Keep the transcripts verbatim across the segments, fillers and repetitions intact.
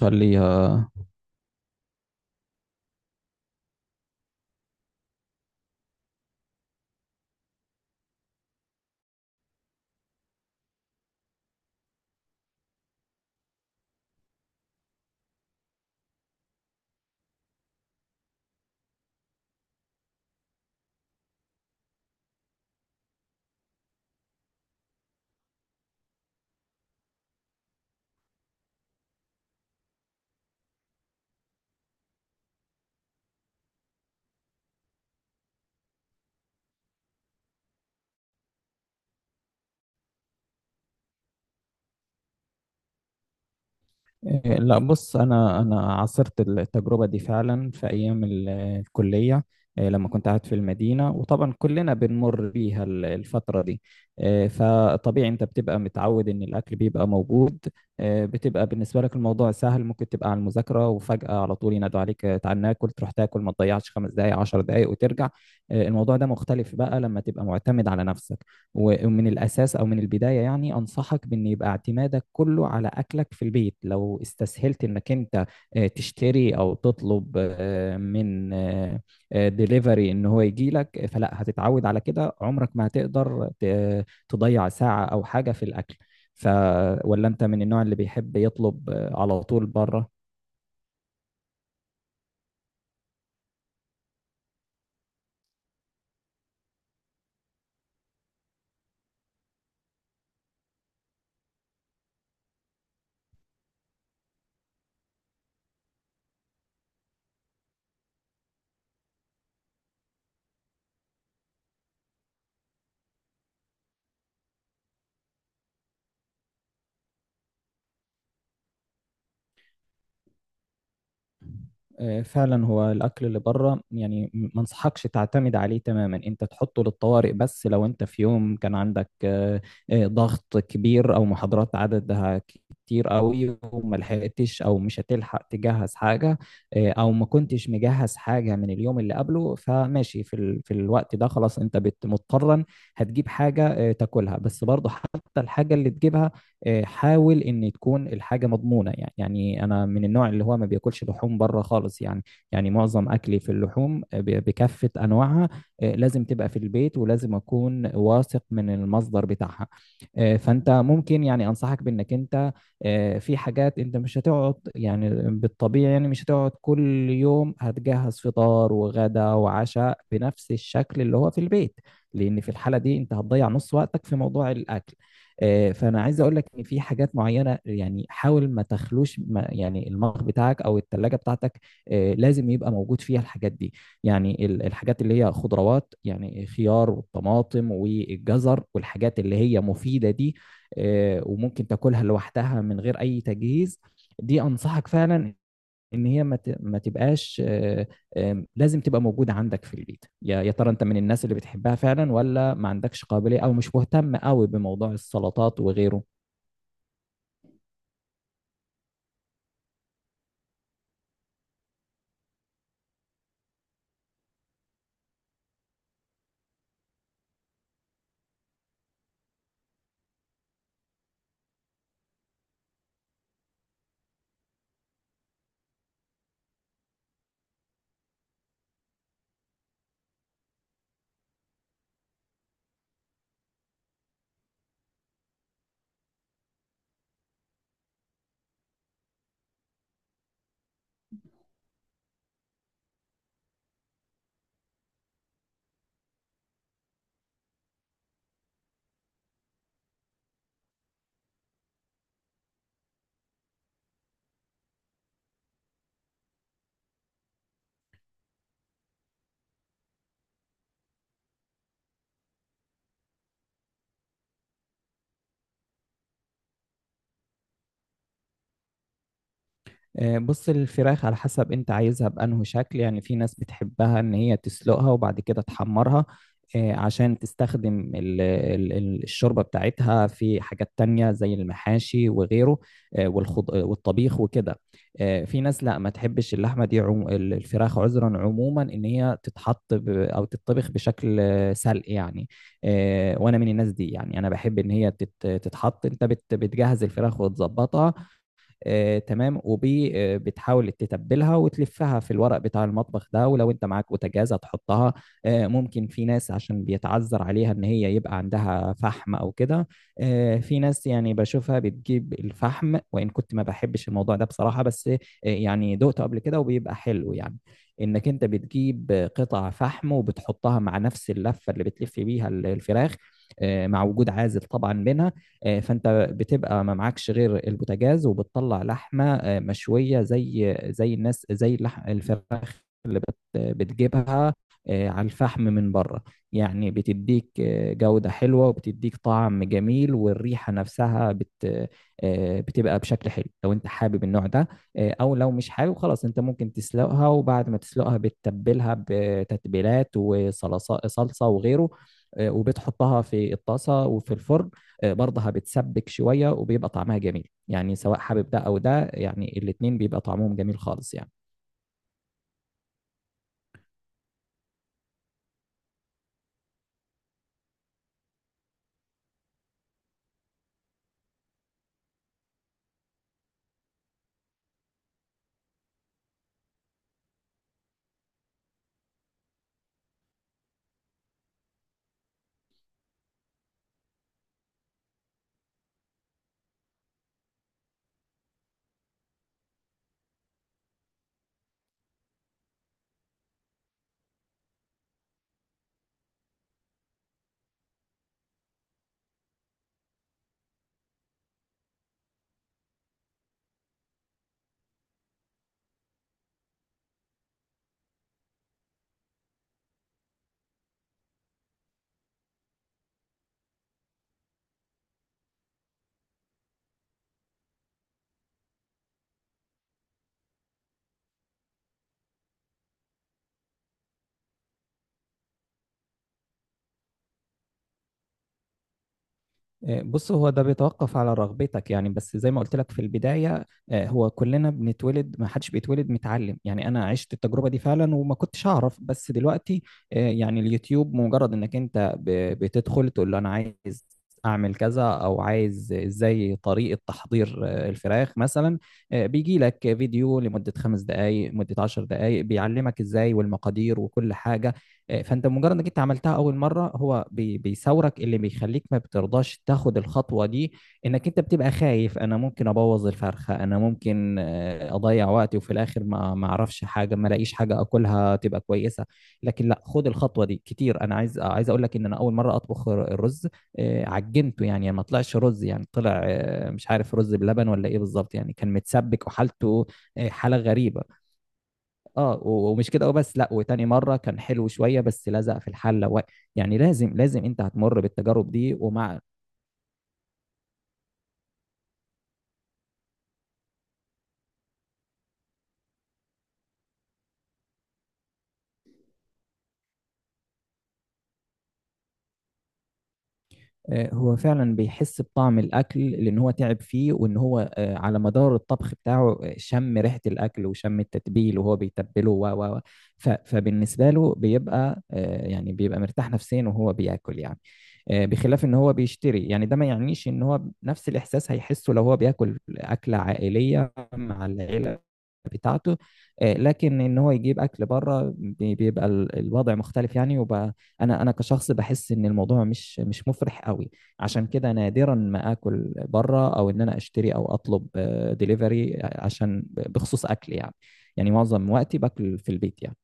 خليها. إيه، لا بص انا انا عاصرت التجربه دي فعلا في ايام ال- الكليه. إيه، لما كنت قاعد في المدينه، وطبعا كلنا بنمر بيها ال- الفتره دي. إيه، فطبيعي انت بتبقى متعود ان الاكل بيبقى موجود. إيه، بتبقى بالنسبه لك الموضوع سهل، ممكن تبقى على المذاكره وفجاه على طول ينادوا عليك، آه، تعال ناكل، تروح تاكل، ما تضيعش خمس دقائق عشر دقائق وترجع. إيه، الموضوع ده مختلف بقى لما تبقى معتمد على نفسك. و- ومن الأساس أو من البداية يعني أنصحك بأن يبقى اعتمادك كله على أكلك في البيت. لو استسهلت أنك أنت آه، تشتري أو تطلب آه، من ديليفري أن هو يجي لك، فلا هتتعود على كده، عمرك ما هتقدر ت- تضيع ساعة أو حاجة في الأكل. ف ولا أنت من النوع اللي بيحب يطلب آه، على طول بره؟ آه، فعلا هو الاكل اللي بره، يعني م- ما انصحكش تعتمد عليه تماما، انت تحطه للطوارئ. بس لو انت في يوم كان عندك آه، آه، ضغط كبير او محاضرات عددها كتير قوي، وما لحقتش او مش هتلحق تجهز حاجه، آه، او ما كنتش مجهز حاجه من اليوم اللي قبله، فماشي في ال... في الوقت ده خلاص، انت بت- مضطرا هتجيب حاجه آه، تاكلها. بس برضه حتى الحاجه اللي تجيبها، آه، حاول ان تكون الحاجه مضمونه. يعني يعني انا من النوع اللي هو ما بياكلش لحوم بره خالص يعني. يعني معظم اكلي في اللحوم، آه، ب- بكافه انواعها آه، لازم تبقى في البيت، ولازم اكون واثق من المصدر بتاعها. آه، فانت ممكن يعني انصحك بانك انت آه، في حاجات انت مش هتقعد، يعني بالطبيعي يعني مش هتقعد كل يوم هتجهز فطار وغدا وعشاء بنفس الشكل اللي هو في البيت، لان في الحاله دي انت هتضيع نص وقتك في موضوع الاكل. آه، فانا عايز اقول لك ان في حاجات معينه، يعني حاول ما تخلوش، ما يعني المخ بتاعك او الثلاجه بتاعتك آه، لازم يبقى موجود فيها الحاجات دي. يعني ال- الحاجات اللي هي خضروات، يعني خيار والطماطم والجزر والحاجات اللي هي مفيده دي، آه، وممكن تاكلها لوحدها من غير اي تجهيز. دي انصحك فعلا ان هي ما ت- ما تبقاش، آه، آم، لازم تبقى موجوده عندك في البيت. يا يا ترى انت من الناس اللي بتحبها فعلا، ولا ما عندكش قابليه او مش مهتم قوي بموضوع السلطات وغيره؟ آه، بص، الفراخ على حسب انت عايزها بأنه شكل. يعني في ناس بتحبها ان هي تسلقها وبعد كده تحمرها، آه، عشان تستخدم ال- ال- ال- الشوربة بتاعتها في حاجات تانية زي المحاشي وغيره، آه، والخض... آه، والطبيخ وكده. آه، في ناس لا ما تحبش اللحمة دي، عم... ال- الفراخ، عذرا، عموما ان هي تتحط ب... او تتطبخ بشكل آه، سلق يعني. آه، وانا من الناس دي. يعني انا بحب ان هي تت... تتحط. انت بت... بتجهز الفراخ وتظبطها، آه، تمام، وبي آه، بتحاول تتبلها وتلفها في الورق بتاع المطبخ ده. ولو انت معاك بوتاجاز هتحطها. آه، ممكن في ناس عشان بيتعذر عليها ان هي يبقى عندها فحم او كده. آه، في ناس يعني بشوفها بتجيب الفحم، وان كنت ما بحبش الموضوع ده بصراحة، بس آه، يعني دقته قبل كده وبيبقى حلو يعني، انك انت بتجيب قطع فحم وبتحطها مع نفس اللفة اللي بتلف بيها الفراخ، آه، مع وجود عازل طبعا منها. آه، فانت بتبقى ما معكش غير البوتاجاز، وبتطلع لحمه آه، مشويه، زي زي الناس، زي اللحم الفراخ اللي بت- بتجيبها آه، على الفحم من بره. يعني بتديك آه، جودة حلوة، وبتديك طعم جميل، والريحة نفسها بت آه، بتبقى بشكل حلو لو انت حابب النوع ده. آه، او لو مش حابب خلاص، انت ممكن تسلقها، وبعد ما تسلقها بتتبلها بتتبيلات، وصلصة صلصة وغيره، آه، وبتحطها في الطاسة وفي الفرن، آه، برضها بتسبك شوية، وبيبقى طعمها جميل. يعني سواء حابب ده أو ده، يعني الاتنين بيبقى طعمهم جميل خالص يعني. آه، بص، هو ده بيتوقف على رغبتك. يعني بس زي ما قلت لك في البداية، آه، هو كلنا بنتولد، ما حدش بيتولد متعلم يعني. أنا عشت التجربة دي فعلا وما كنتش أعرف، بس دلوقتي آه، يعني اليوتيوب، مجرد إنك أنت ب- بتدخل تقول له أنا عايز أعمل كذا، أو عايز إزاي طريقة تحضير آه، الفراخ مثلا، آه، بيجي لك فيديو لمدة خمس دقايق مدة عشر دقايق بيعلمك إزاي والمقادير وكل حاجة. آه، فانت مجرد انك انت عملتها اول مره، هو بي- بيثورك اللي بيخليك ما بترضاش تاخد الخطوه دي، انك انت بتبقى خايف انا ممكن ابوظ الفرخه، انا ممكن آه، اضيع وقتي، وفي الاخر ما ما اعرفش حاجه، ما الاقيش حاجه اكلها تبقى كويسه. لكن لا، خد الخطوه دي كتير. انا عايز عايز اقول لك ان انا اول مره اطبخ الرز، آه، عجنته يعني، ما طلعش رز، يعني طلع، آه، مش عارف رز بلبن ولا ايه بالظبط، يعني كان متسبك وحالته آه، حاله غريبه. اه، و- ومش كده وبس، لا، وتاني مره كان حلو شويه بس لزق في الحله. و... يعني لازم لازم انت هتمر بالتجارب دي. ومع آه، هو فعلا بيحس بطعم الاكل، لان هو تعب فيه، وان هو آه، على مدار الطبخ بتاعه آه، شم ريحه الاكل وشم التتبيل وهو بيتبله، و و و ف... فبالنسبه له بيبقى آه، يعني بيبقى مرتاح نفسيا وهو بياكل يعني. آه، بخلاف ان هو بيشتري، يعني ده ما يعنيش ان هو نفس الاحساس هيحسه لو هو بياكل اكله عائليه مع العيله بتاعته. آه، لكن ان هو يجيب اكل بره، بي- بيبقى ال- الوضع مختلف يعني. وبقى انا انا كشخص بحس ان الموضوع مش مش مفرح قوي، عشان كده نادرا ما اكل بره، او ان انا اشتري او اطلب ديليفري عشان بخصوص اكل يعني. يعني معظم وقتي باكل في البيت يعني.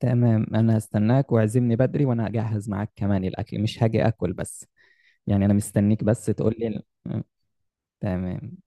تمام، انا هستناك، واعزمني بدري، وانا هجهز معاك كمان الاكل، مش هاجي اكل بس. يعني انا مستنيك بس تقول لي. تمام.